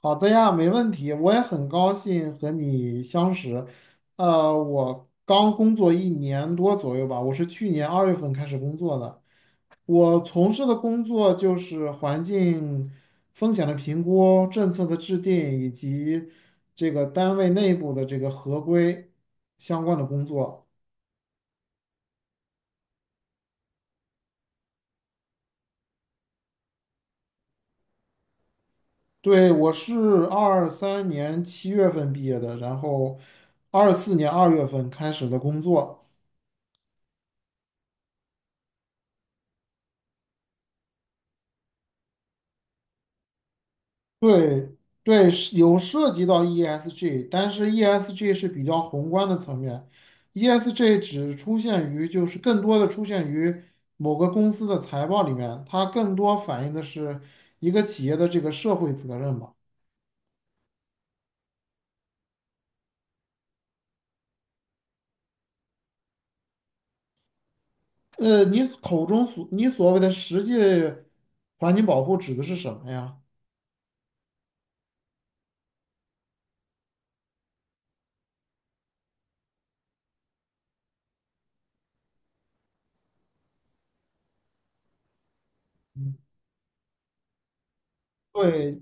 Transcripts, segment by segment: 好的呀，没问题。我也很高兴和你相识。我刚工作一年多左右吧，我是去年二月份开始工作的。我从事的工作就是环境风险的评估、政策的制定以及这个单位内部的这个合规相关的工作。对，我是二三年七月份毕业的，然后二四年二月份开始的工作。对对，是有涉及到 ESG，但是 ESG 是比较宏观的层面，ESG 只出现于就是更多的出现于某个公司的财报里面，它更多反映的是一个企业的这个社会责任吧。你所谓的实际环境保护指的是什么呀？对，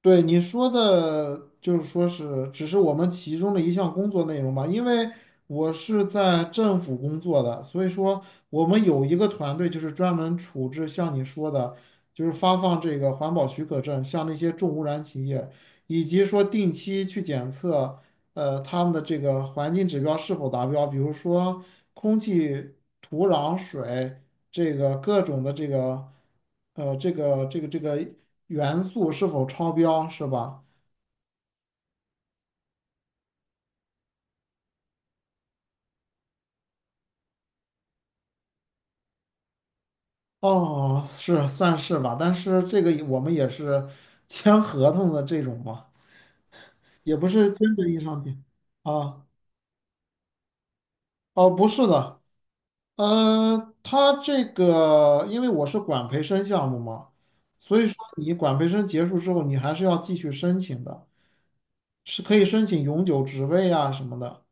对你说的，就是说是只是我们其中的一项工作内容吧，因为我是在政府工作的，所以说我们有一个团队就是专门处置像你说的，就是发放这个环保许可证，像那些重污染企业，以及说定期去检测。他们的这个环境指标是否达标，比如说空气、土壤、水，这个各种的这个，呃，这个这个这个元素是否超标，是吧？哦，是算是吧，但是这个我们也是 签合同的这种嘛，也不是真正意义上的啊。哦，不是的，他这个因为我是管培生项目嘛。所以说，你管培生结束之后，你还是要继续申请的。是可以申请永久职位啊什么的。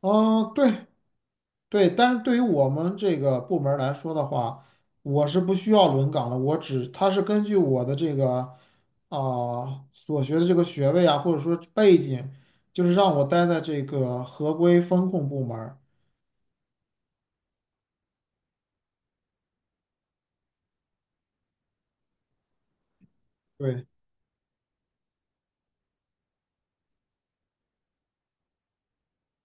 嗯，对，但是对于我们这个部门儿来说的话，我是不需要轮岗的，他是根据我的这个啊、所学的这个学位啊，或者说背景，就是让我待在这个合规风控部门儿。对。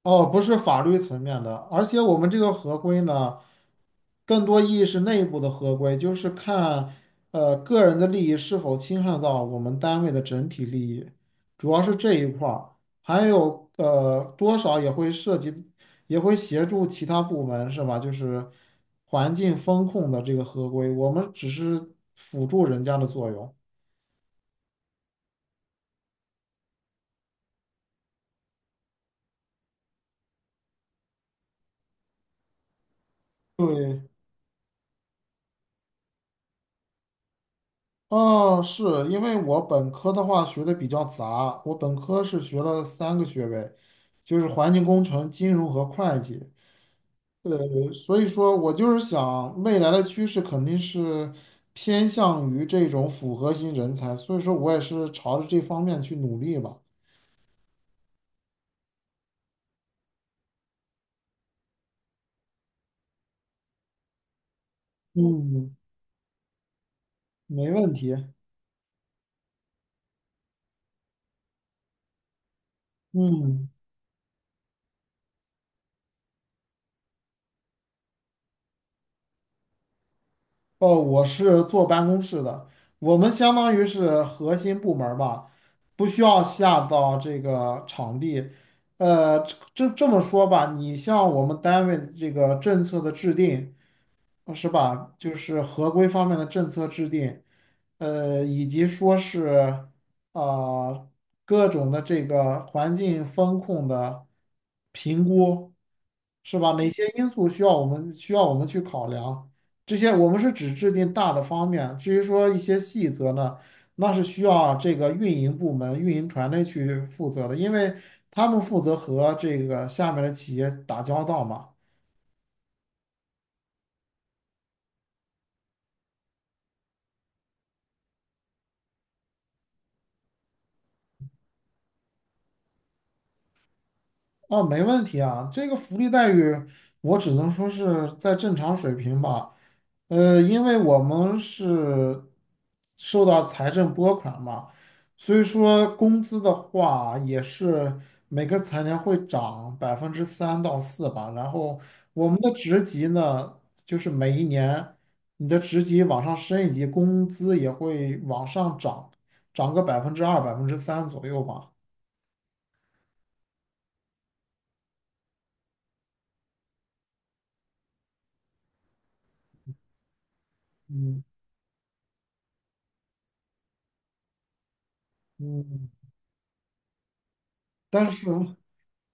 哦，不是法律层面的，而且我们这个合规呢，更多意义是内部的合规，就是看个人的利益是否侵害到我们单位的整体利益，主要是这一块儿，还有多少也会涉及，也会协助其他部门是吧？就是环境风控的这个合规，我们只是辅助人家的作用。对，哦，是因为我本科的话学的比较杂，我本科是学了三个学位，就是环境工程、金融和会计。呃，所以说我就是想未来的趋势肯定是偏向于这种复合型人才，所以说我也是朝着这方面去努力吧。嗯，没问题。嗯。哦，我是坐办公室的，我们相当于是核心部门儿吧，不需要下到这个场地。呃，这么说吧，你像我们单位这个政策的制定。是吧？就是合规方面的政策制定，以及说是啊、呃各种的这个环境风控的评估，是吧？哪些因素需要我们去考量？这些我们是只制定大的方面，至于说一些细则呢，那是需要这个运营部门、运营团队去负责的，因为他们负责和这个下面的企业打交道嘛。哦，没问题啊，这个福利待遇我只能说是在正常水平吧。因为我们是受到财政拨款嘛，所以说工资的话也是每个财年会涨百分之三到四吧。然后我们的职级呢，就是每一年你的职级往上升一级，工资也会往上涨，涨个百分之二、百分之三左右吧。嗯嗯，但是。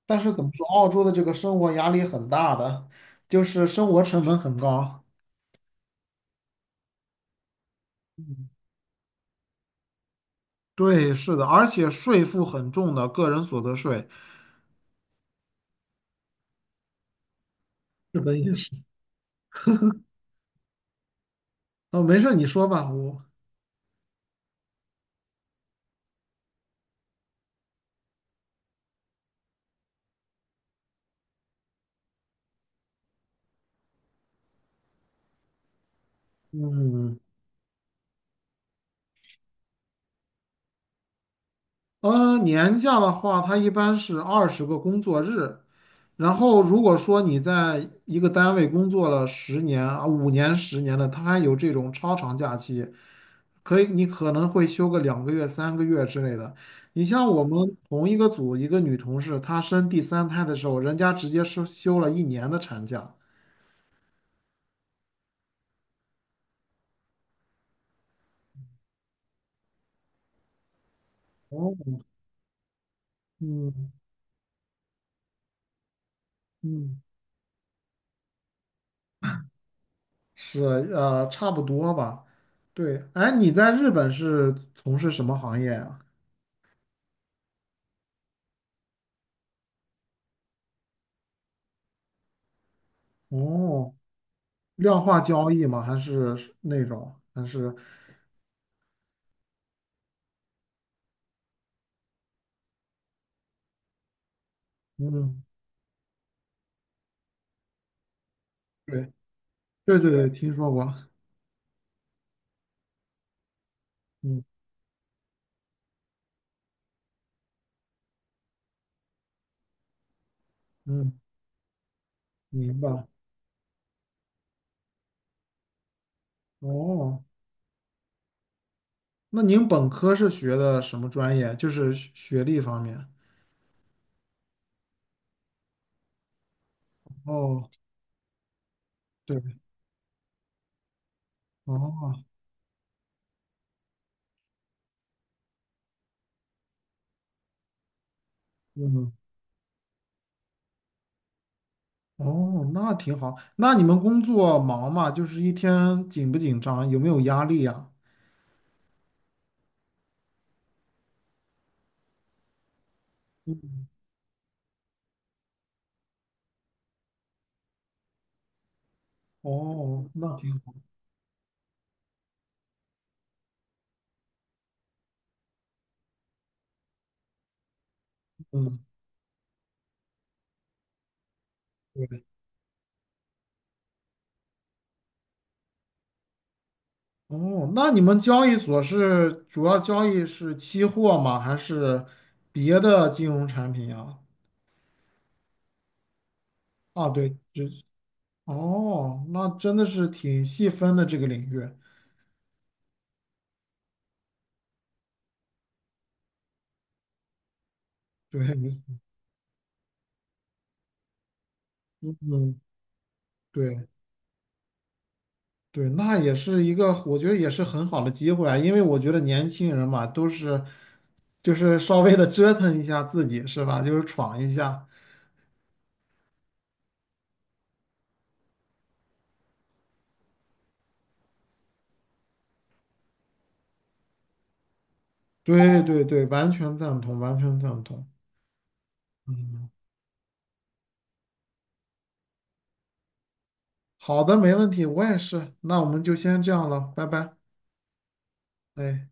但是怎么说，澳洲的这个生活压力很大的，就是生活成本很高。对，是的，而且税负很重的，个人所得税。日本也是。哦，没事你说吧，我。嗯。年假的话，它一般是二十个工作日。然后，如果说你在一个单位工作了十年啊，五年、十年的，它还有这种超长假期，可以，你可能会休个两个月、三个月之类的。你像我们同一个组一个女同事，她生第三胎的时候，人家直接是休了一年的产假。哦，嗯嗯，是差不多吧。对，哎，你在日本是从事什么行业呀、哦，量化交易吗？还是那种？还是嗯，对对对对，听说过。嗯嗯，明白。哦，那您本科是学的什么专业？就是学学历方面。哦，对，哦，嗯，哦，那挺好。那你们工作忙吗？就是一天紧不紧张？有没有压力呀？嗯，哦，那挺，嗯，对，哦，那你们交易所是主要交易是期货吗？还是别的金融产品呀？啊，对，这哦，那真的是挺细分的这个领域。对，嗯，对对，那也是一个，我觉得也是很好的机会啊，因为我觉得年轻人嘛，都是就是稍微的折腾一下自己，是吧？就是闯一下。对对对，完全赞同，完全赞同。好的，没问题，我也是。那我们就先这样了，拜拜。对，